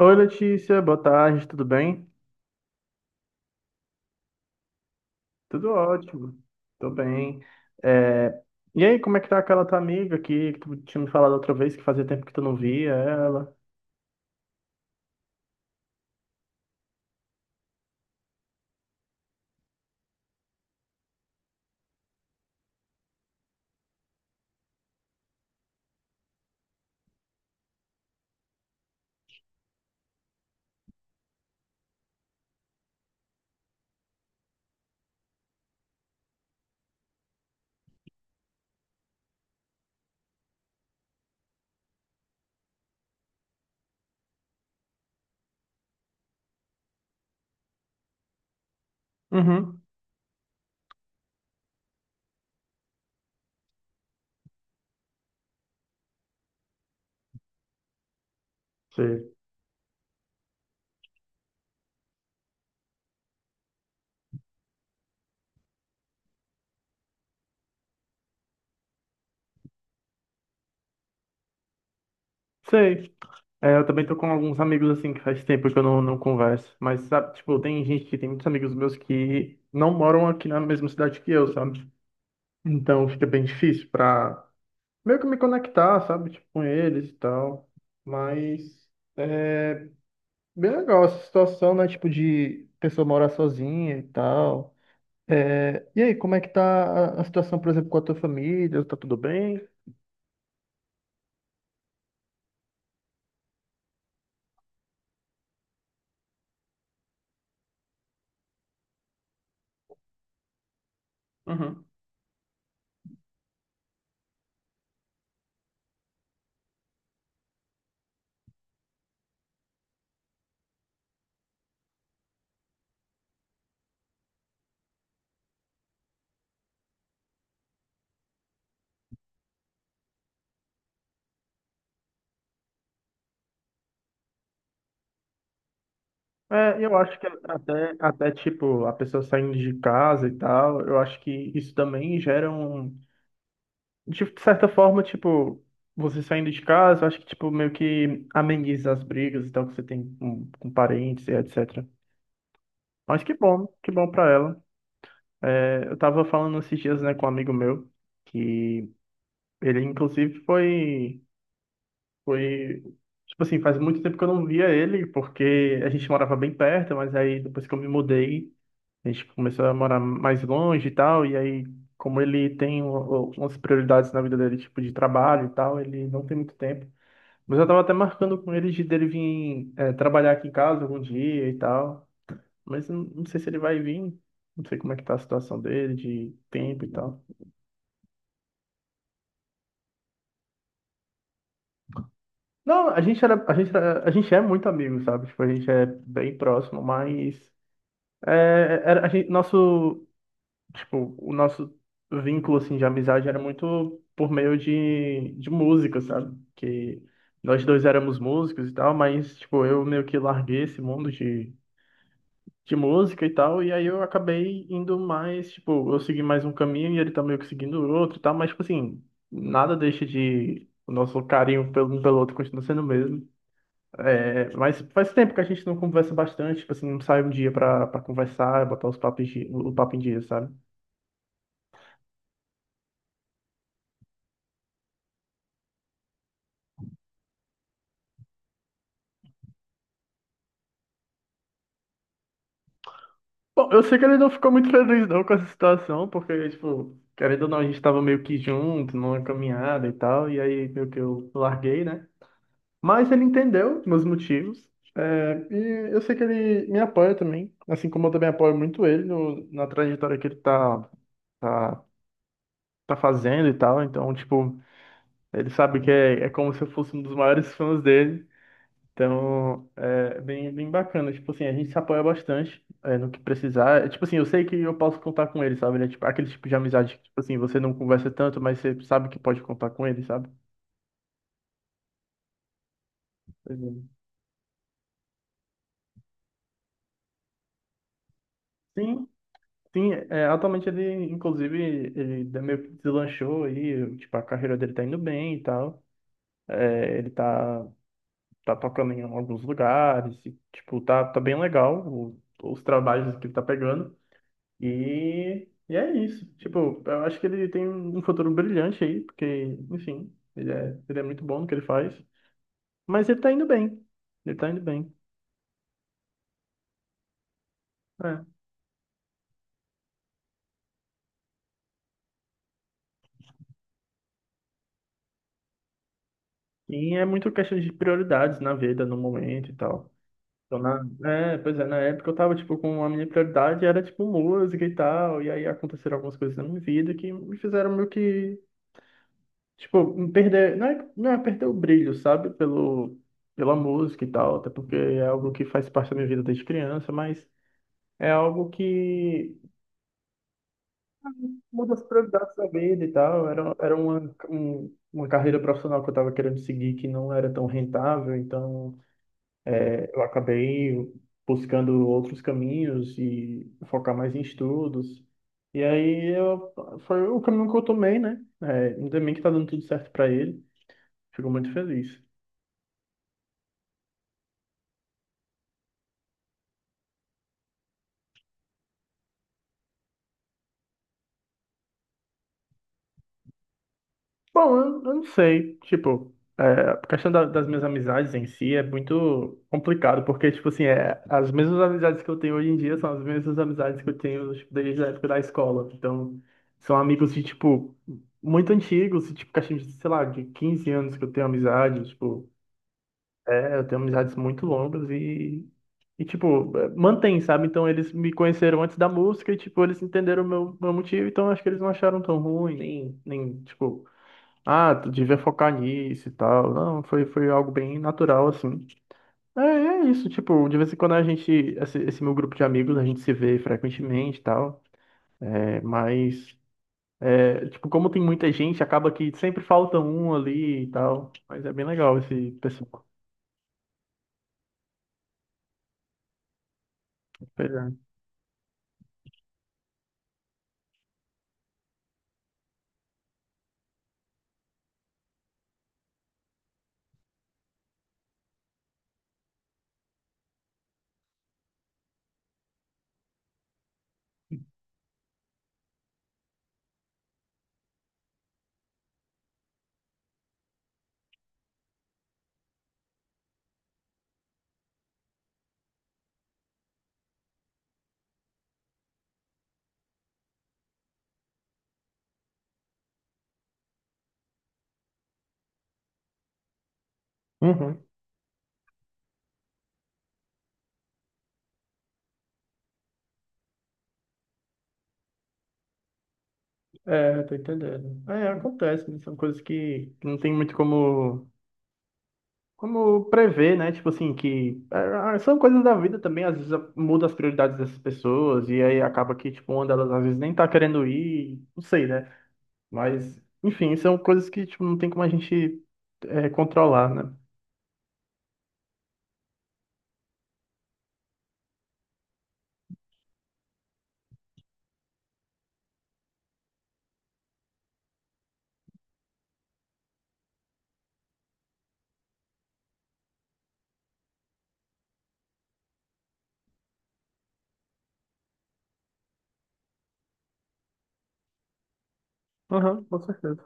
Oi, Letícia, boa tarde, tudo bem? Tudo ótimo, tô bem. É, E aí, como é que tá aquela tua amiga aqui que tu tinha me falado outra vez que fazia tempo que tu não via ela? Uhum, sei. Sei. É, eu também tô com alguns amigos assim que faz tempo que eu não converso, mas sabe, tipo, tem gente que tem muitos amigos meus que não moram aqui na mesma cidade que eu, sabe? Então fica bem difícil pra meio que me conectar, sabe? Tipo, com eles e tal. Mas. é, Bem legal essa situação, né? Tipo, de pessoa morar sozinha e tal. É, e aí, como é que tá a situação, por exemplo, com a tua família? Tá tudo bem? Uhum. É, eu acho que até, tipo, a pessoa saindo de casa e tal, eu acho que isso também gera um... De certa forma, tipo, você saindo de casa, eu acho que, tipo, meio que ameniza as brigas e tal que você tem com parentes e etc. Mas que bom pra ela. É, eu tava falando esses dias, né, com um amigo meu, que ele, inclusive, foi. Tipo assim, faz muito tempo que eu não via ele, porque a gente morava bem perto, mas aí depois que eu me mudei, a gente começou a morar mais longe e tal. E aí, como ele tem umas prioridades na vida dele, tipo de trabalho e tal, ele não tem muito tempo. Mas eu tava até marcando com ele de dele vir trabalhar aqui em casa algum dia e tal. Mas eu não sei se ele vai vir, não sei como é que tá a situação dele, de tempo e tal. Não, a gente é muito amigo, sabe? Tipo, a gente é bem próximo, mas é, era, a gente, nosso, tipo, o nosso vínculo assim de amizade era muito por meio de música, sabe? Que nós dois éramos músicos e tal, mas tipo, eu meio que larguei esse mundo de música e tal, e aí eu acabei indo mais, tipo, eu segui mais um caminho e ele tá meio que seguindo o outro e tal, mas tipo assim, nada deixa de o nosso carinho pelo, um pelo outro continua sendo o mesmo. É, mas faz tempo que a gente não conversa bastante, tipo assim, não sai um dia pra conversar, é botar os o papo em dia, sabe? Bom, eu sei que ele não ficou muito feliz não com essa situação, porque, tipo, querendo ou não, a gente tava meio que junto, numa caminhada e tal, e aí meio que eu larguei, né? Mas ele entendeu meus motivos, é, e eu sei que ele me apoia também, assim como eu também apoio muito ele na trajetória que ele tá, tá fazendo e tal, então, tipo, ele sabe que é como se eu fosse um dos maiores fãs dele. Então, é bem bacana. Tipo assim, a gente se apoia bastante é, no que precisar. É, tipo assim, eu sei que eu posso contar com ele, sabe? Ele é tipo, aquele tipo de amizade que, tipo assim, você não conversa tanto, mas você sabe que pode contar com ele, sabe? Uhum. Sim, sim. É, atualmente ele, inclusive, ele meio que deslanchou aí. Tipo, a carreira dele tá indo bem e tal. É, ele tá tocando em alguns lugares. E, tipo, tá bem legal os trabalhos que ele tá pegando. E é isso. Tipo, eu acho que ele tem um futuro brilhante aí, porque, enfim, ele é muito bom no que ele faz. Mas ele tá indo bem. Ele tá indo bem. É. E é muito questão de prioridades na vida, no momento e tal. Então, na, pois é, na época eu tava, tipo, com a minha prioridade era, tipo, música e tal. E aí aconteceram algumas coisas na minha vida que me fizeram meio que, tipo, me perder. Não é perder o brilho, sabe? Pela música e tal. Até porque é algo que faz parte da minha vida desde criança, mas. É algo que muda as prioridades da vida e tal. Uma carreira profissional que eu estava querendo seguir que não era tão rentável, então eu acabei buscando outros caminhos e focar mais em estudos. E aí eu, foi o caminho que eu tomei, né? É, ainda bem que tá dando tudo certo para ele. Fico muito feliz. Bom, eu não sei. Tipo, é, a questão das minhas amizades em si é muito complicado, porque, tipo assim, é, as mesmas amizades que eu tenho hoje em dia são as mesmas amizades que eu tenho, tipo, desde a época da escola. Então, são amigos de, tipo, muito antigos, tipo, questão de, sei lá, de 15 anos que eu tenho amizade, tipo, é, eu tenho amizades muito longas e tipo, é, mantém, sabe? Então, eles me conheceram antes da música e, tipo, eles entenderam o meu motivo, então acho que eles não acharam tão ruim, nem, tipo ah, tu devia focar nisso e tal. Não, foi algo bem natural, assim. É, é isso, tipo, de vez em quando a gente, esse meu grupo de amigos, a gente se vê frequentemente e tal. É, mas, tipo, como tem muita gente, acaba que sempre falta um ali e tal. Mas é bem legal esse pessoal. Pois é. Uhum. É, tô entendendo. É, acontece, né? São coisas que não tem muito como. Como prever, né? Tipo assim, são coisas da vida também, às vezes muda as prioridades dessas pessoas, e aí acaba que, tipo, uma delas às vezes nem tá querendo ir, não sei, né? Mas, enfim, são coisas que, tipo, não tem como a gente é, controlar, né? Aham, com certeza.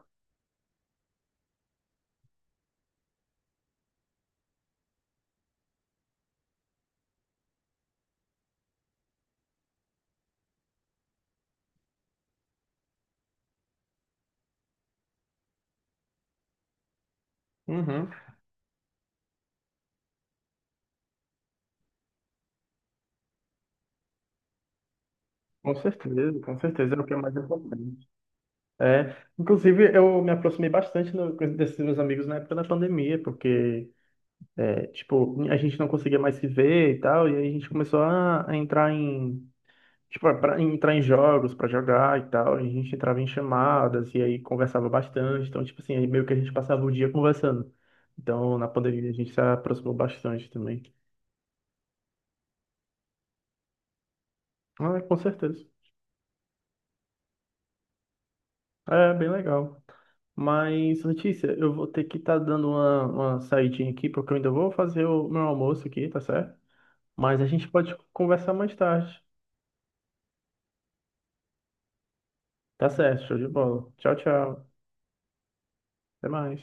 Uhum. Com certeza, é o que é mais importante. É, inclusive, eu me aproximei bastante no, desses meus amigos na época da pandemia, porque, é, tipo, a gente não conseguia mais se ver e tal, e aí a gente começou a entrar em tipo, para entrar em jogos, pra jogar e tal, a gente entrava em chamadas e aí conversava bastante. Então, tipo assim, aí meio que a gente passava o dia conversando. Então, na pandemia a gente se aproximou bastante também. Ah, com certeza. É bem legal. Mas, Letícia, eu vou ter que estar dando uma saidinha aqui, porque eu ainda vou fazer o meu almoço aqui, tá certo? Mas a gente pode conversar mais tarde. Tá certo, show de bola. Tchau, tchau. Até mais.